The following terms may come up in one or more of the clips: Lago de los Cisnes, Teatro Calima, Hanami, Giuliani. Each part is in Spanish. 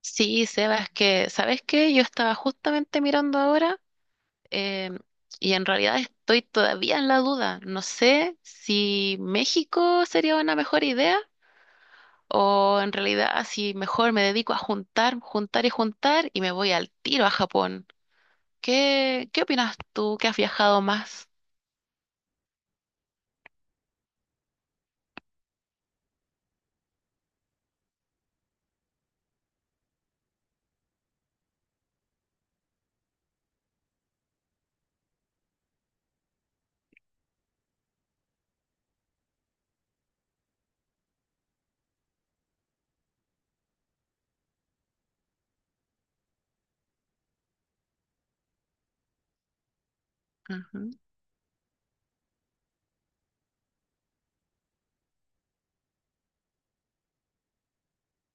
Sí, Sebas, que, ¿sabes qué? Yo estaba justamente mirando ahora em, y en realidad estoy todavía en la duda. No sé si México sería una mejor idea o en realidad si mejor me dedico a juntar, juntar y juntar y me voy al tiro a Japón. ¿Qué opinas tú que has viajado más? Ujú.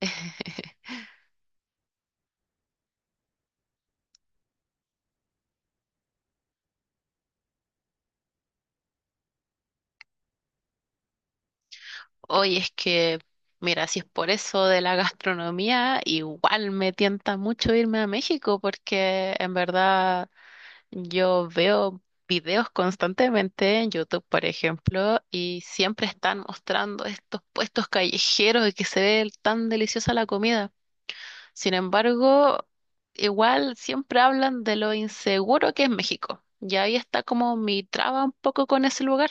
Oye, es que, mira, si es por eso de la gastronomía, igual me tienta mucho irme a México porque en verdad yo veo videos constantemente en YouTube, por ejemplo, y siempre están mostrando estos puestos callejeros y que se ve tan deliciosa la comida. Sin embargo, igual siempre hablan de lo inseguro que es México. Y ahí está como mi traba un poco con ese lugar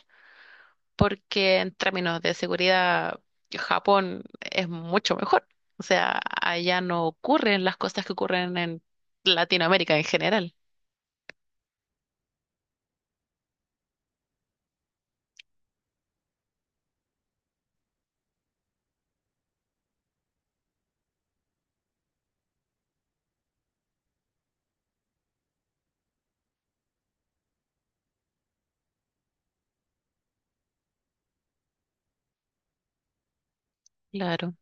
porque en términos de seguridad, Japón es mucho mejor. O sea, allá no ocurren las cosas que ocurren en Latinoamérica en general. Claro.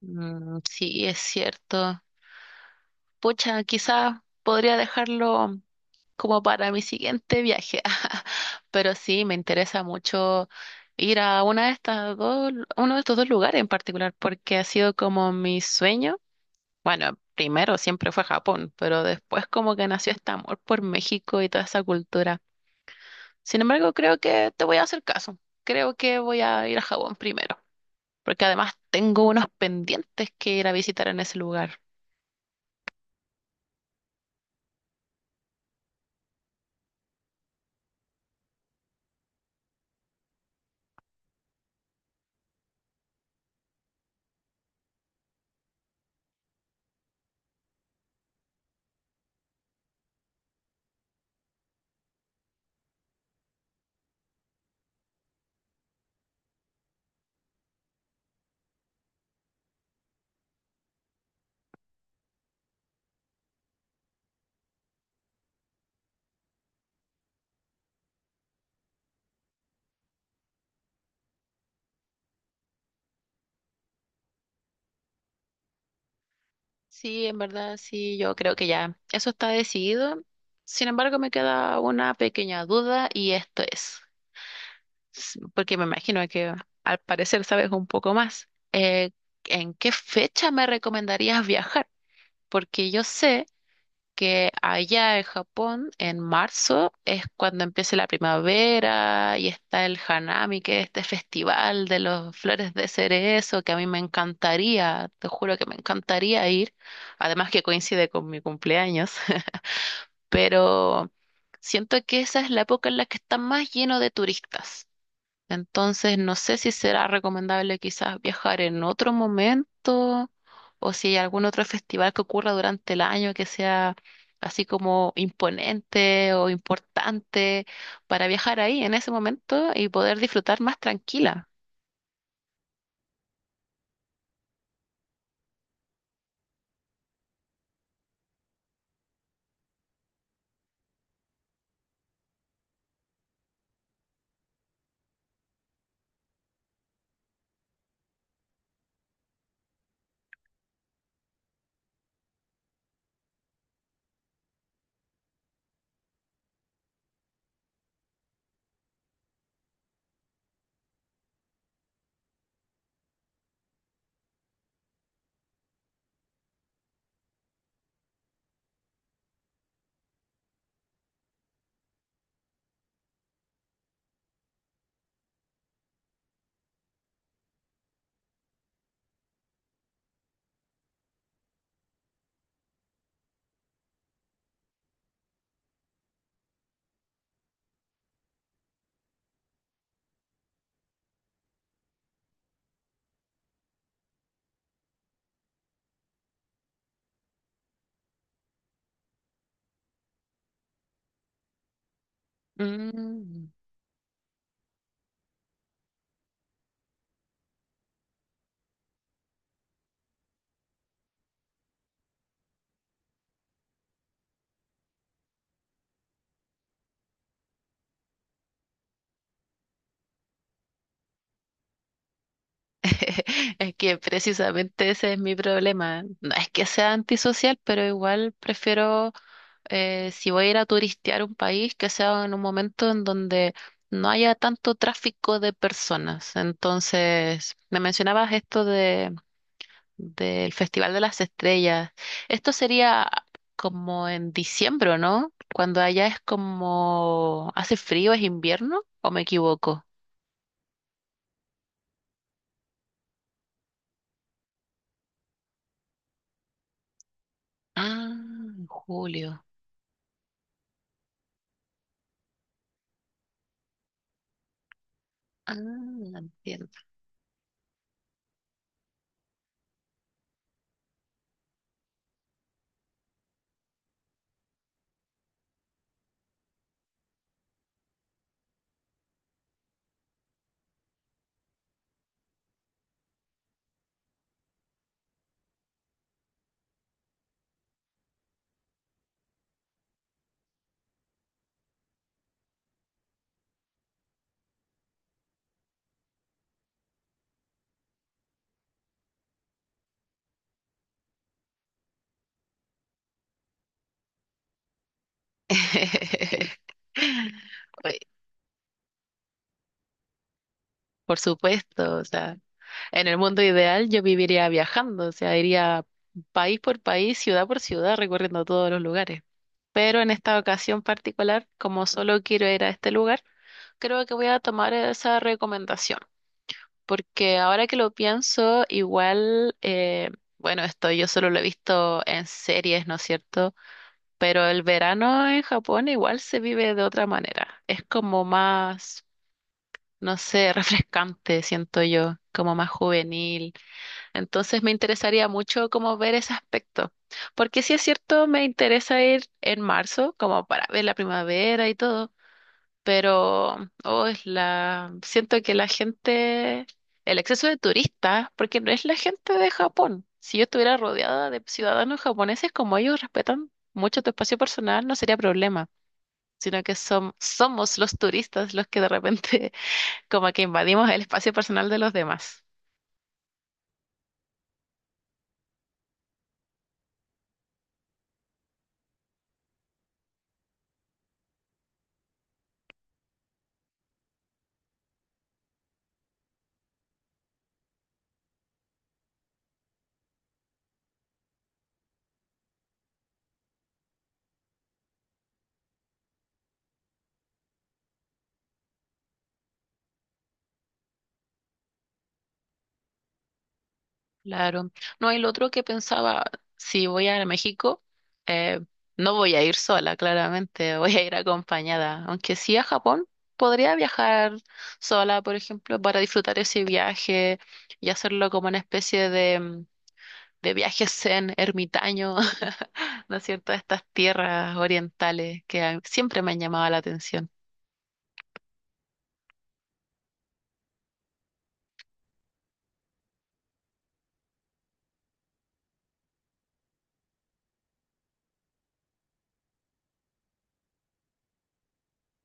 Mm, sí, es cierto. Pucha, quizás podría dejarlo como para mi siguiente viaje. Pero sí, me interesa mucho ir a una de estas dos, uno de estos dos lugares en particular, porque ha sido como mi sueño. Bueno, primero siempre fue Japón, pero después como que nació este amor por México y toda esa cultura. Sin embargo, creo que te voy a hacer caso. Creo que voy a ir a Japón primero, porque además tengo unos pendientes que ir a visitar en ese lugar. Sí, en verdad, sí, yo creo que ya eso está decidido. Sin embargo, me queda una pequeña duda y esto es, s- porque me imagino que al parecer sabes un poco más. ¿En qué fecha me recomendarías viajar? Porque yo sé que allá en Japón, en marzo, es cuando empieza la primavera y está el Hanami, que es este festival de las flores de cerezo, que a mí me encantaría, te juro que me encantaría ir, además que coincide con mi cumpleaños, pero siento que esa es la época en la que está más lleno de turistas. Entonces, no sé si será recomendable quizás viajar en otro momento o si hay algún otro festival que ocurra durante el año que sea así como imponente o importante para viajar ahí en ese momento y poder disfrutar más tranquila. Mm. Es que precisamente ese es mi problema. No es que sea antisocial, pero igual prefiero si voy a ir a turistear un país, que sea en un momento en donde no haya tanto tráfico de personas. Entonces, me mencionabas esto de, del Festival de las Estrellas. Esto sería como en diciembre, ¿no? Cuando allá es como hace frío, es invierno, ¿o me equivoco? Ah, en julio. Ah, entiendo. Oye, por supuesto, o sea. En el mundo ideal yo viviría viajando, o sea, iría país por país, ciudad por ciudad, recorriendo todos los lugares. Pero en esta ocasión particular, como solo quiero ir a este lugar, creo que voy a tomar esa recomendación, porque ahora que lo pienso, igual, bueno, esto yo solo lo he visto en series, ¿no es cierto? Pero el verano en Japón igual se vive de otra manera. Es como más, no sé, refrescante, siento yo, como más juvenil, entonces me interesaría mucho como ver ese aspecto, porque si es cierto, me interesa ir en marzo como para ver la primavera y todo, pero oh, es la siento que la gente, el exceso de turistas, porque no es la gente de Japón. Si yo estuviera rodeada de ciudadanos japoneses, como ellos respetan mucho tu espacio personal, no sería problema, sino que som- somos los turistas los que de repente como que invadimos el espacio personal de los demás. Claro. No, el otro que pensaba, si voy a México, eh, no voy a ir sola, claramente, voy a ir acompañada. Aunque sí a Japón, podría viajar sola, por ejemplo, para disfrutar ese viaje y hacerlo como una especie de, de viaje zen, ermitaño, ¿no es cierto? A estas tierras orientales que a- siempre me han llamado la atención.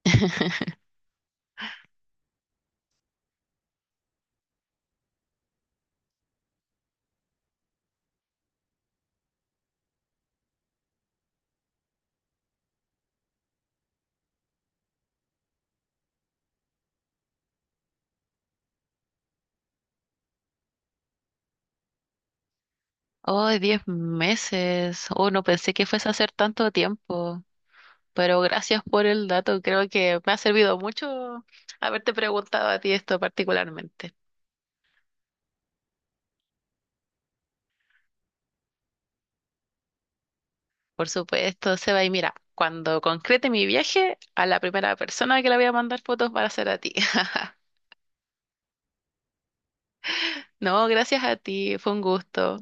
Oh, 10 meses. Oh, no pensé que fuese a hacer tanto tiempo. Pero gracias por el dato, creo que me ha servido mucho haberte preguntado a ti esto particularmente. Por supuesto, Seba, y mira, cuando concrete mi viaje, a la primera persona que le voy a mandar fotos va a ser a ti. No, gracias a ti, fue un gusto.